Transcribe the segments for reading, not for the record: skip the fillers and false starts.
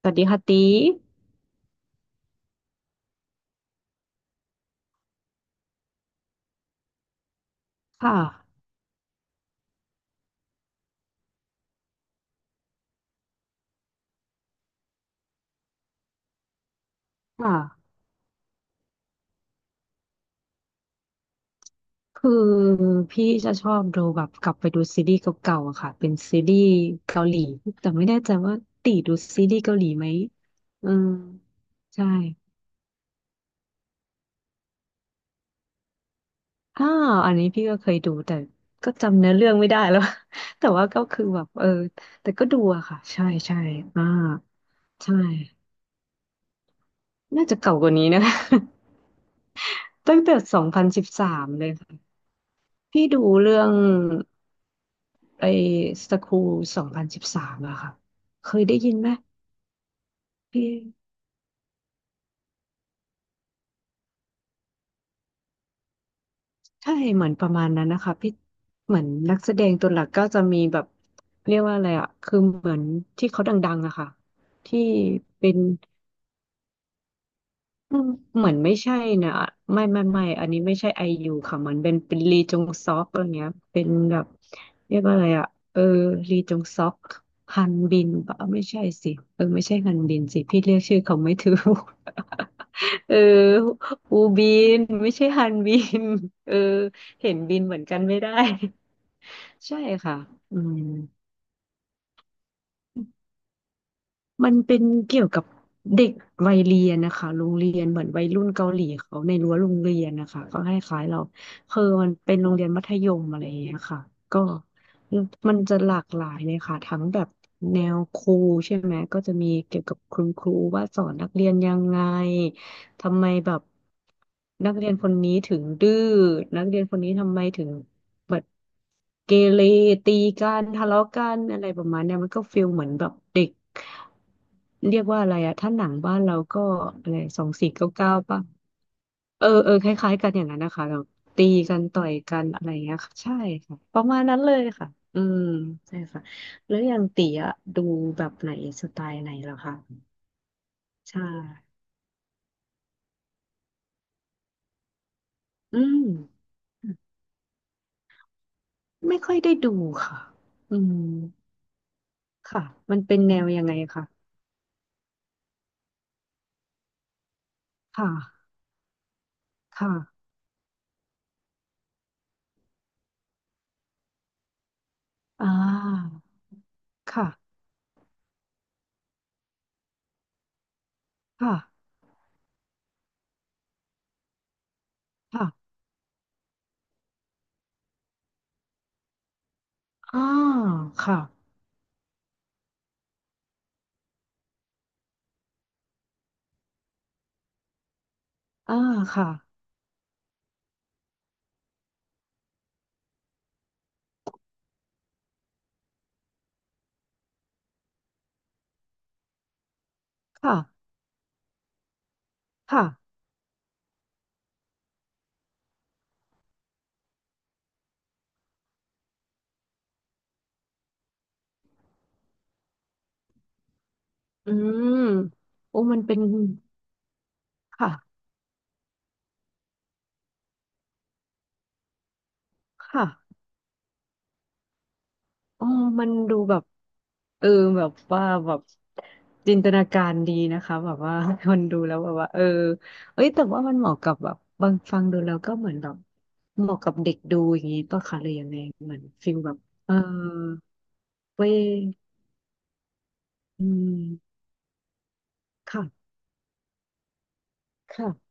สวัสดีค่ะตีค่ะค่ะคือพี่จะชอบดูแบบกลับไปดูซีรีส์เก่าๆอะค่ะเป็นซีรีส์เกาหลีแต่ไม่แน่ใจว่าตีดูซีรีส์เกาหลีไหมอืมใช่อ้าวอันนี้พี่ก็เคยดูแต่ก็จำเนื้อเรื่องไม่ได้แล้ว แต่ว่าก็คือแบบแต่ก็ดูอะค่ะ ใช่ใช่อ่าใช่น่าจะเก่ากว่านี้นะ ตั้งแต่2013เลยค่ะพี่ดูเรื่อง ไอ้สคูล2013อะค่ะเคยได้ยินไหมพี่ใช่เหมือนประมาณนั้นนะคะพี่เหมือนนักแสดงตัวหลักก็จะมีแบบเรียกว่าอะไรอะคือเหมือนที่เขาดังๆอะค่ะที่เป็น อืมเหมือนไม่ใช่นะไม่ไม่ไม่อันนี้ไม่ใช่ไอยูค่ะมันเป็นลีจงซอกอะไรเงี้ยเป็นแบบเรียกว่าอะไรอ่ะเออลีจงซอกฮันบินปะไม่ใช่สิไม่ใช่ฮันบินสิพี่เรียกชื่อเขาไม่ถูก เอออูบินไม่ใช่ฮันบินเออเห็นบินเหมือนกันไม่ได้ ใช่ค่ะอืม มันเป็นเกี่ยวกับเด็กวัยเรียนนะคะโรงเรียนเหมือนวัยรุ่นเกาหลีเขาในรั้วโรงเรียนนะคะก็ให้คล้ายๆเราคือมันเป็นโรงเรียนมัธยมอะไรอย่างเงี้ยค่ะก็มันจะหลากหลายเลยค่ะทั้งแบบแนวครูใช่ไหมก็จะมีเกี่ยวกับคุณครูว่าสอนนักเรียนยังไงทำไมแบบนักเรียนคนนี้ถึงดื้อนักเรียนคนนี้ทำไมถึง แบบเกเรตีกันทะเลาะกันอะไรประมาณเนี้ยมันก็ฟีลเหมือนแบบเด็กเรียกว่าอะไรอะถ้าหนังบ้านเราก็อะไร2499ป่ะเออคล้ายๆกันอย่างนั้นนะคะแบบตีกันต่อยกันอะไรอย่างเงี้ยค่ะใช่ค่ะประมาณนั้นเลยค่ะอืมใช่ค่ะแล้วอย่างตีอะดูแบบไหนสไตล์ไหนเหรอคะใช่อืมไม่ค่อยได้ดูค่ะอืมค่ะมันเป็นแนวยังไงคะค่ะค่ะ อ่าค่ะค่ะค่ะอ่าค่ะอ่าค่ะค่ะค่ะอืมโอ้มันเป็นค่ะค่ะอ๋อมันดูแบบเออแบบว่าแบบจินตนาการดีนะคะแบบว่า คนดูแล้วแบบว่าเออเอ้ยแต่ว่ามันเหมาะกับแบบบางฟังดูแล้วก็เหมือนแบบเหมาะกับเด็กดูอย่างนี้ป่ะคะหรือยังไงเหมือนฟิลแบบเออเว้ยอืมค่ะค่ะ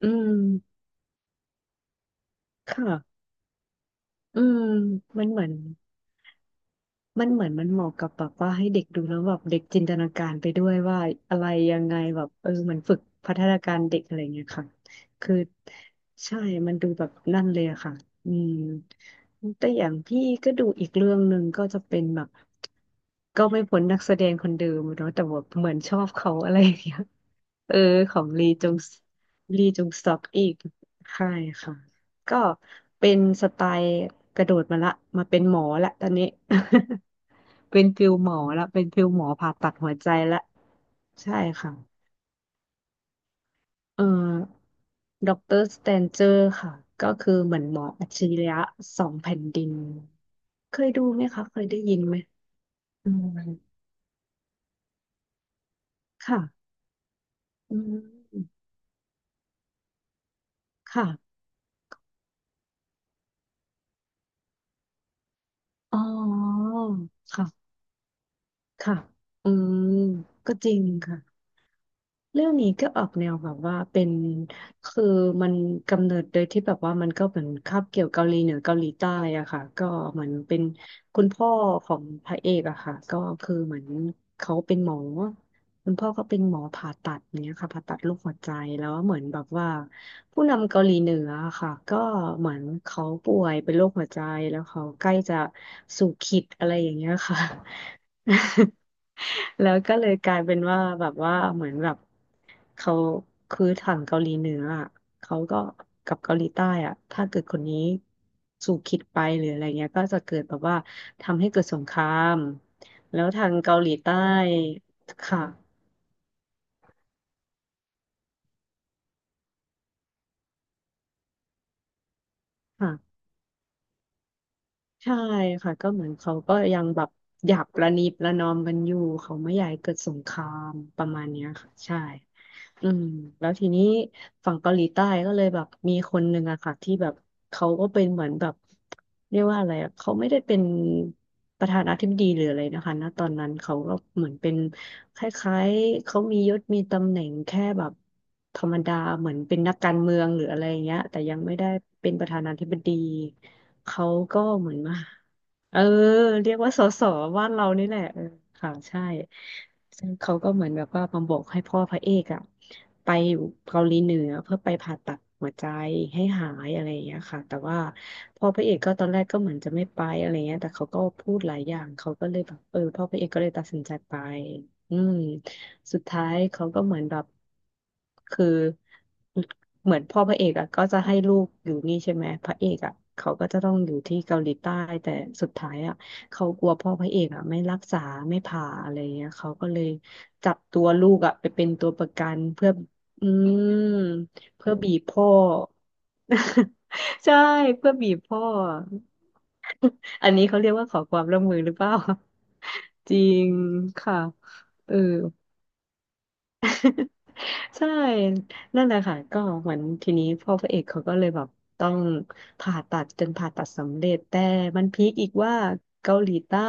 อืมค่ะ อืมมันเหมือนมันเหมือนมันเหมาะกับแบบว่าให้เด็กดูแล้วแบบเด็กจินตนาการไปด้วยว่าอะไรยังไงแบบเออเหมันฝึกพัฒนาการเด็กอะไรเงี้ยค่ะคือใช่มันดูแบบนั่นเลยอะค่ะอืมแต่อย่างพี่ก็ดูอีกเรื่องหนึ่งก็จะเป็นแบบก็ไม่พ้นนักแสดงคนเดิมเนาะแต่ว่าเหมือนชอบเขาอะไรอย่างเงี้ยเออของลีจงซอกอีกใช่ค่ะ ก็เป็นสไตล์กระโดดมาละมาเป็นหมอละตอนนี้ เป็นฟิลหมอละเป็นฟิลหมอผ่าตัดหัวใจละใช่ค่ะเอ่อด็อกเตอร์สแตนเจอร์ค่ะก็คือเหมือนหมออัจฉริยะสองแผ่นดินเคยดูไหมคะเคยได้ยินไหมอืมค่ะอืมค่ะอ๋อค่ะค่ะอืมก็จริงค่ะ เรื่องนี้ก็ออกแนวแบบว่าเป็นคือมันกำเนิดโดยที่แบบว่ามันก็เหมือนคาบเกี่ยวเกาหลีเหนือเกาหลีใต้อะค่ะก็เหมือนเป็นคุณพ่อของพระเอกอะค่ะก็คือเหมือนเขาเป็นหมอคุณพ่อก็เป็นหมอผ่าตัดเนี้ยค่ะผ่าตัดลูกหัวใจแล้วเหมือนแบบว่าผู้นำเกาหลีเหนืออะค่ะก็เหมือนเขาป่วยเป็นโรคหัวใจแล้วเขาใกล้จะสู่ขีดอะไรอย่างเงี้ยค่ะ แล้วก็เลยกลายเป็นว่าแบบว่าเหมือนแบบเขาคือทางเกาหลีเหนืออะเขาก็กับเกาหลีใต้อ่ะถ้าเกิดคนนี้สู่คิดไปหรืออะไรเงี้ยก็จะเกิดแบบว่าทำให้เกิดสงครามแล้วทางเกาหลีใต้ค่ะค่ะใช่ค่ะก็เหมือนเขาก็ยังแบบหยาบประนีประนอมกันอยู่เขาไม่อยากให้เกิดสงครามประมาณเนี้ยค่ะใช่ อืมแล้วทีนี้ฝั่งเกาหลีใต้ก็เลยแบบมีคนหนึ่งอะค่ะที่แบบเขาก็เป็นเหมือนแบบเรียกว่าอะไรอะเขาไม่ได้เป็นประธานาธิบดีหรืออะไรนะคะณตอนนั้นเขาก็เหมือนเป็นคล้ายๆเขามียศมีตำแหน่งแค่แบบธรรมดาเหมือนเป็นนักการเมืองหรืออะไรอย่างเงี้ยแต่ยังไม่ได้เป็นประธานาธิบดีเขาก็เหมือนมาเออเรียกว่าสสบ้านเรานี่แหละเออค่ะใช่ ซึ่งเขาก็เหมือนแบบว่ามาบอกให้พ่อพระเอกอะไปอยู่เกาหลีเหนือเพื่อไปผ่าตัดหัวใจให้หายอะไรอย่างเงี้ยค่ะแต่ว่าพ่อพระเอกก็ตอนแรกก็เหมือนจะไม่ไปอะไรเงี้ยแต่เขาก็พูดหลายอย่างเขาก็เลยแบบพ่อพระเอกก็เลยตัดสินใจไปอืมสุดท้ายเขาก็เหมือนแบบคือเหมือนพ่อพระเอกอะก็จะให้ลูกอยู่นี่ใช่ไหมพระเอกอะเขาก็จะต้องอยู่ที่เกาหลีใต้แต่สุดท้ายอะ เขากลัวพ่อพระเอกอ่ะไม่รักษาไม่ผ่าอะไรเงี้ยเขาก็เลยจับตัวลูกอ่ะไปเป็นตัวประกันเพื่ออืมเพื่อบีบพ่อ ใช่เพื่อบีบพ่อ อันนี้เขาเรียกว่าขอความร่วมมือหรือเปล่า จริงค่ะเออ ใช่นั่นแหละค่ะก็เหมือนทีนี้พ่อพระเอกเขาก็เลยแบบต้องผ่าตัดจนผ่าตัดสำเร็จแต่มันพีคอีกว่าเกาหลีใต้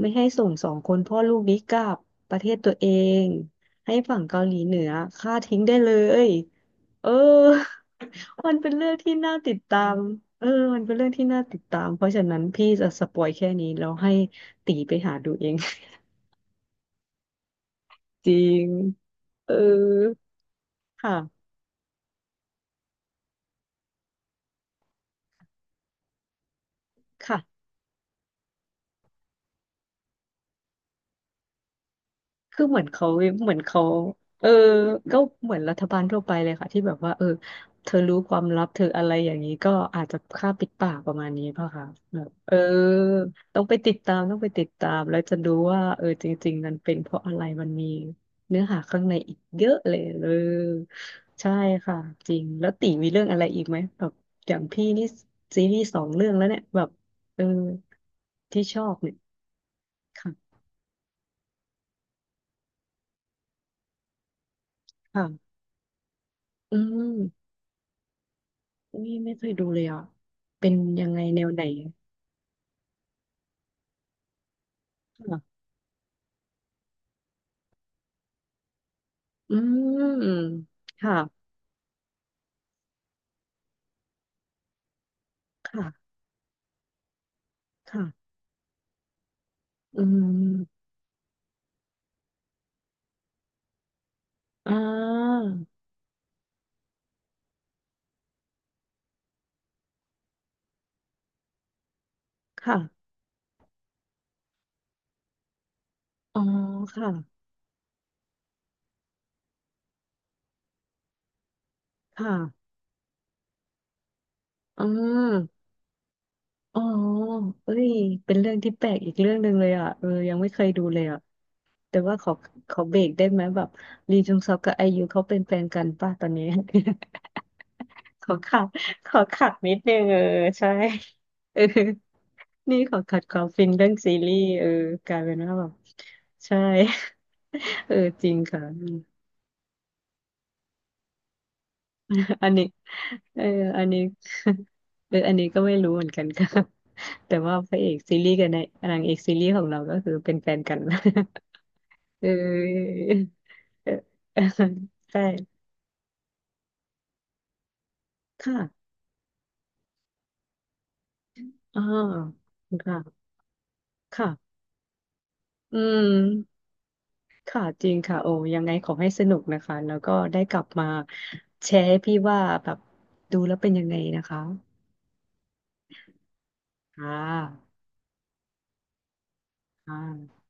ไม่ให้ส่งสองคนพ่อลูกนี้กลับประเทศตัวเองให้ฝั่งเกาหลีเหนือฆ่าทิ้งได้เลยเออมันเป็นเรื่องที่น่าติดตามเออมันเป็นเรื่องที่น่าติดตามเพราะฉะนั้นพี่จะสปอยแค่นี้แล้วให้ตีไปหาดูเอง จริงเออค่ะค่ะ คือเหมือนเขาเออก็เหมือนรัฐบาลทั่วไปเลยค่ะที่แบบว่าเออเธอรู้ความลับเธออะไรอย่างนี้ก็อาจจะฆ่าปิดปากประมาณนี้ป่ะคะแบบเออต้องไปติดตามต้องไปติดตามแล้วจะรู้ว่าเออจริงๆมันเป็นเพราะอะไรมันมีเนื้อหาข้างในอีกเยอะเลยเออใช่ค่ะจริงแล้วตีมีเรื่องอะไรอีกไหมแบบอย่างพี่นี่ซีรีส์สองเรื่องแล้วเนี่ยแบบเออที่ชอบเนี่ยค่ะค่ะอืม อุ้ยไม่เคยดูเลยอ่ะเป็นยังไงแนวไหนค่ะอืมค่ะค่ะค่ะอืมอ่าค่ะอ๋อค่ะค่ะอืมอ๋อเอ้ยเป็นเรื่องที่แปลกอีกเรื่องหนึ่งเลยอ่ะเออยังไม่เคยดูเลยอ่ะแต่ว่าขอขอเบรกได้ไหมแบบลีจุงซอกกับไอยูเขาเป็นแฟนกันป่ะตอนนี้ ขอขัดขอขัดนิดนึงเออใช่เออ นี่ขอขัดความฟินเรื่องซีรีส์เออกลายเป็นว่าแบบใช่ เออจริงค่ะอันนี้เอออันนี้ เอออันนี้ก็ไม่รู้เหมือนกันค่ะ แต่ว่าพระเอกซีรีส์กับนางเอกซีรีส์ของเราก็คือเป็นแฟนกัน เออ เออใช่ค่ะอ๋อค่ะค่ะอืม ค่ะจริงค่ะโอ้ยังไงขอให้สนุกนะคะแล้วก็ได้กลับมาแชร์ให้พี่ว่าแบบดูแล้วเป็นยังไงนะคะค่ะค่ะ